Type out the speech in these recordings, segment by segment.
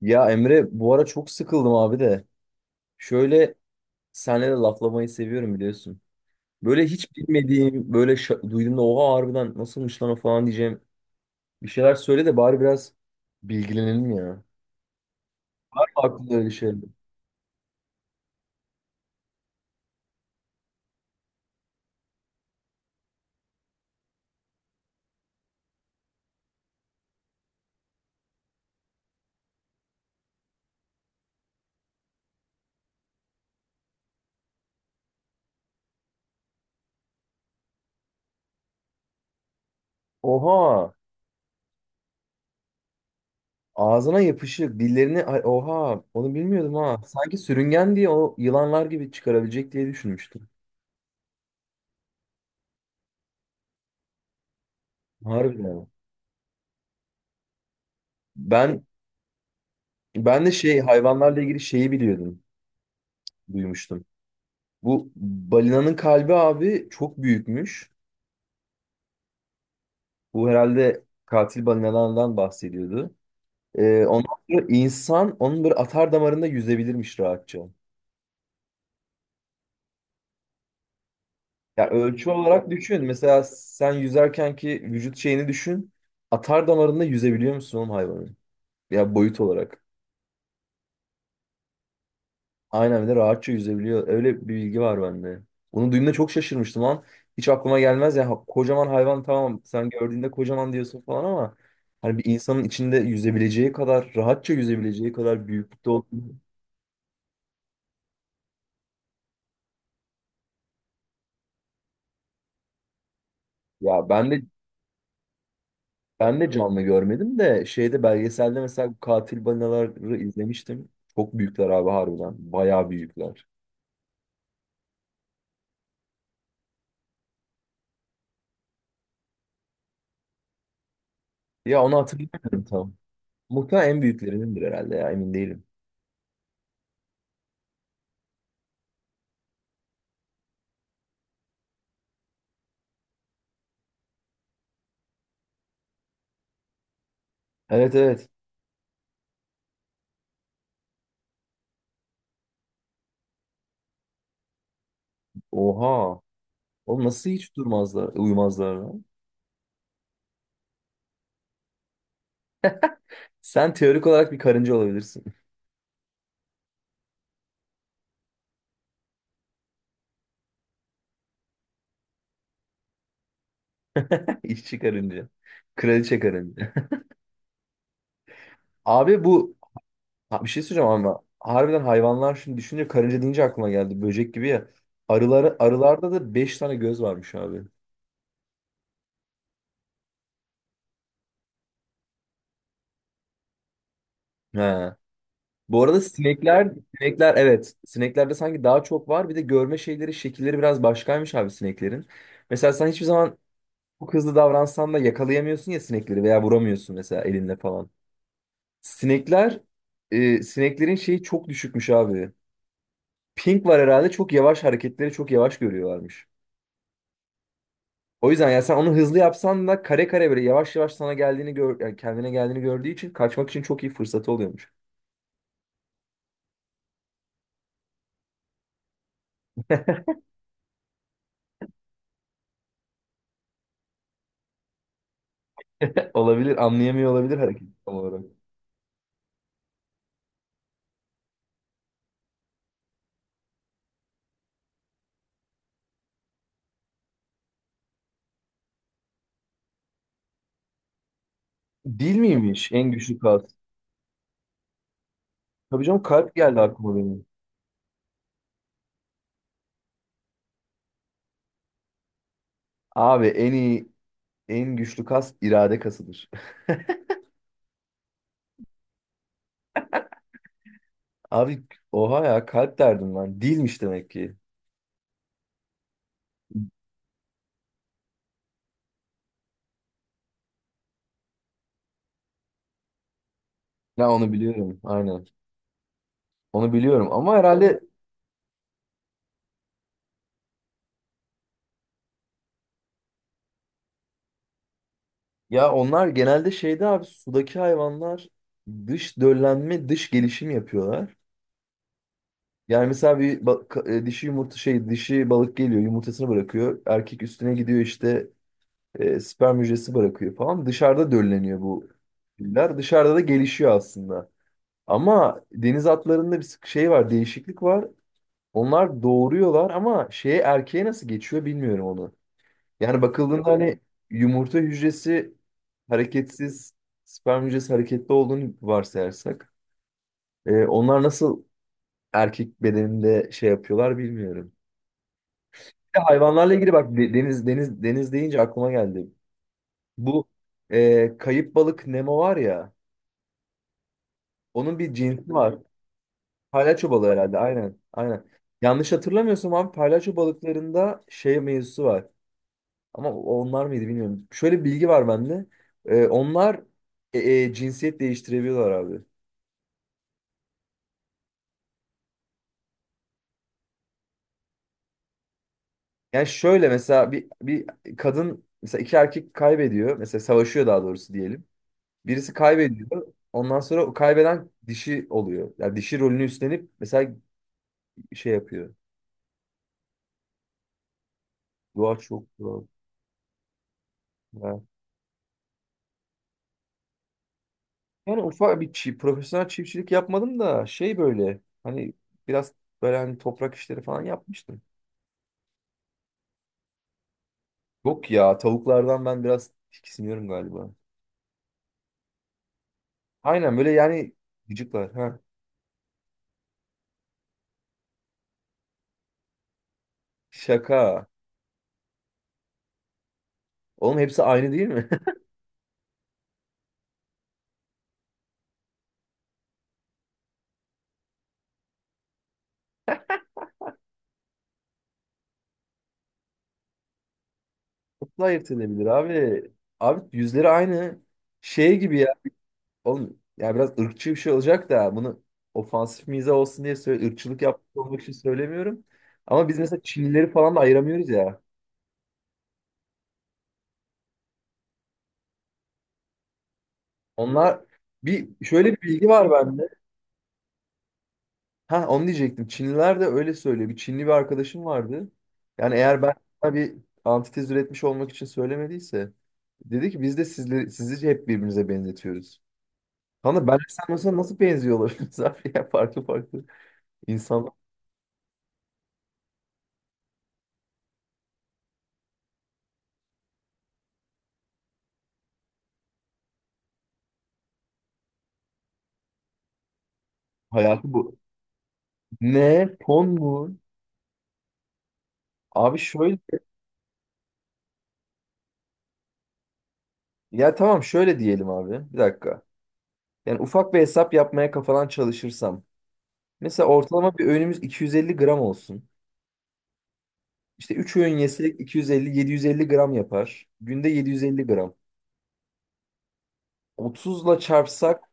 Ya Emre, bu ara çok sıkıldım abi de. Şöyle, senle de laflamayı seviyorum biliyorsun. Böyle hiç bilmediğim, böyle duyduğumda oha harbiden nasılmış lan o falan diyeceğim. Bir şeyler söyle de bari biraz bilgilenelim ya. Var mı aklında öyle şeyler? Oha! Ağzına yapışık, dillerini... Ay, oha! Onu bilmiyordum ha. Sanki sürüngen diye o yılanlar gibi çıkarabilecek diye düşünmüştüm. Harbiden. Ben ben de şey hayvanlarla ilgili şeyi biliyordum, duymuştum. Bu balinanın kalbi abi çok büyükmüş. Bu herhalde katil balinalardan bahsediyordu. Ondan sonra insan onun böyle atar damarında yüzebilirmiş rahatça. Ya ölçü olarak düşün. Mesela sen yüzerken ki vücut şeyini düşün. Atar damarında yüzebiliyor musun oğlum hayvanın? Ya boyut olarak. Aynen, bir de rahatça yüzebiliyor. Öyle bir bilgi var bende. Onu duyduğumda çok şaşırmıştım lan. Hiç aklıma gelmez ya. Kocaman hayvan, tamam, sen gördüğünde kocaman diyorsun falan ama hani bir insanın içinde yüzebileceği kadar, rahatça yüzebileceği kadar büyüklükte olduğunu. Ya ben de canlı görmedim de şeyde, belgeselde mesela bu katil balinaları izlemiştim. Çok büyükler abi harbiden. Bayağı büyükler. Ya onu hatırlamıyorum tam. Muhtemelen en büyüklerindendir herhalde ya, emin değilim. Evet evet. Oha. Oğlum nasıl hiç durmazlar, uyumazlar lan? Sen teorik olarak bir karınca olabilirsin. İşçi karınca. Kraliçe karınca. Abi bir şey söyleyeceğim ama harbiden hayvanlar şimdi düşünce, karınca deyince aklıma geldi. Böcek gibi ya. Arıları, arılarda da 5 tane göz varmış abi. He. Bu arada sinekler, sinekler evet. Sineklerde sanki daha çok var. Bir de görme şeyleri, şekilleri biraz başkaymış abi sineklerin. Mesela sen hiçbir zaman çok hızlı davransan da yakalayamıyorsun ya sinekleri, veya vuramıyorsun mesela elinle falan. Sinekler, sineklerin şeyi çok düşükmüş abi. Ping var herhalde, çok yavaş, hareketleri çok yavaş görüyorlarmış. O yüzden yani sen onu hızlı yapsan da kare kare böyle yavaş yavaş sana geldiğini gör, yani kendine geldiğini gördüğü için kaçmak için çok iyi fırsatı oluyormuş. Olabilir, anlayamıyor olabilir hareket tam olarak. Dil miymiş en güçlü kas? Tabii canım, kalp geldi aklıma benim. Abi en güçlü kas irade kasıdır. Abi oha ya, kalp derdim ben. Dilmiş demek ki. Ya onu biliyorum aynen. Onu biliyorum ama herhalde. Ya onlar genelde şeyde abi, sudaki hayvanlar dış döllenme, dış gelişim yapıyorlar. Yani mesela bir dişi balık geliyor, yumurtasını bırakıyor. Erkek üstüne gidiyor işte, sperm hücresi bırakıyor falan. Dışarıda dölleniyor bu filler. Dışarıda da gelişiyor aslında. Ama deniz atlarında bir sık- şey var değişiklik var. Onlar doğuruyorlar ama şeye, erkeğe nasıl geçiyor bilmiyorum onu. Yani bakıldığında hani yumurta hücresi hareketsiz, sperm hücresi hareketli olduğunu varsayarsak. Onlar nasıl erkek bedeninde şey yapıyorlar bilmiyorum. Bir de hayvanlarla ilgili bak deniz deniz deniz deyince aklıma geldi. Bu kayıp balık Nemo var ya, onun bir cinsi var. Palyaço balığı herhalde, aynen aynen. Yanlış hatırlamıyorsam abi palyaço balıklarında şey mevzusu var. Ama onlar mıydı bilmiyorum. Şöyle bir bilgi var bende. Ee, onlar Cinsiyet değiştirebiliyorlar abi. Yani şöyle mesela bir kadın, mesela, iki erkek kaybediyor. Mesela savaşıyor, daha doğrusu diyelim. Birisi kaybediyor. Ondan sonra o kaybeden dişi oluyor. Yani dişi rolünü üstlenip mesela şey yapıyor. Doğa çok kral. Ya. Yani ufak bir profesyonel çiftçilik yapmadım da şey böyle hani biraz böyle hani toprak işleri falan yapmıştım. Yok ya, tavuklardan ben biraz tiksiniyorum galiba. Aynen böyle yani gıcıklar. Ha. Şaka. Oğlum hepsi aynı değil mi? Nasıl ayırt edilebilir abi? Abi yüzleri aynı. Şey gibi ya. Oğlum ya biraz ırkçı bir şey olacak da bunu ofansif mizah olsun diye söyle, ırkçılık yapmak olmak için söylemiyorum. Ama biz mesela Çinlileri falan da ayıramıyoruz ya. Onlar, bir şöyle bir bilgi var bende. Ha, onu diyecektim. Çinliler de öyle söylüyor. Bir Çinli bir arkadaşım vardı. Yani eğer ben sana bir antitez üretmiş olmak için söylemediyse, dedi ki biz de sizleri, sizi hep birbirimize benzetiyoruz. Kanka ben sen mesela nasıl benziyor olabiliriz abi ya, farklı farklı insanlar, hayatı bu. Ne? Ton mu? Abi şöyle, ya tamam şöyle diyelim abi. Bir dakika. Yani ufak bir hesap yapmaya kafadan çalışırsam. Mesela ortalama bir öğünümüz 250 gram olsun. İşte 3 öğün yesek 250-750 gram yapar. Günde 750 gram. 30'la çarpsak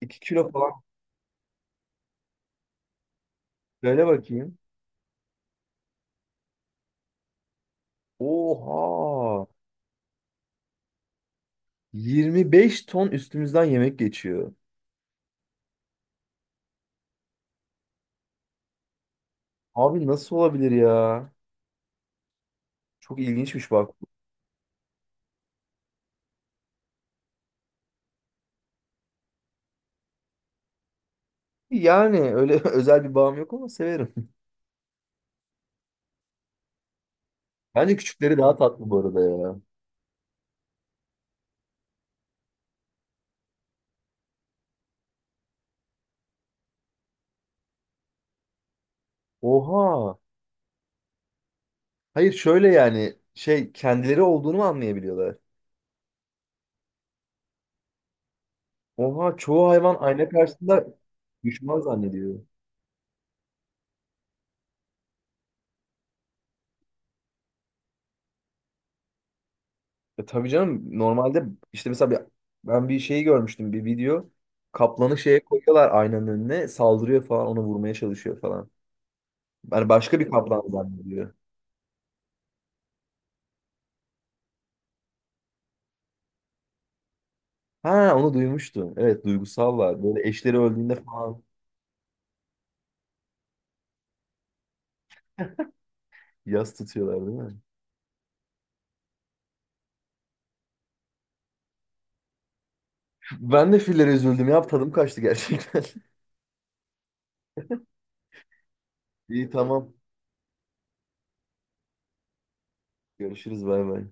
2 kilo falan. Böyle bakayım. Oha! 25 ton üstümüzden yemek geçiyor. Abi nasıl olabilir ya? Çok ilginçmiş bak. Yani öyle özel bir bağım yok ama severim. Bence küçükleri daha tatlı bu arada ya. Oha! Hayır, şöyle yani şey, kendileri olduğunu mu anlayabiliyorlar? Oha, çoğu hayvan ayna karşısında düşman zannediyor. E tabii canım, normalde işte mesela ben bir şeyi görmüştüm, bir video. Kaplanı şeye koyuyorlar aynanın önüne, saldırıyor falan, onu vurmaya çalışıyor falan. Yani başka bir kaplan zannediyor. Ha, onu duymuştum. Evet, duygusallar. Böyle eşleri öldüğünde falan yas tutuyorlar değil mi? Ben de fillere üzüldüm ya, tadım kaçtı gerçekten. İyi, tamam. Görüşürüz, bay bay.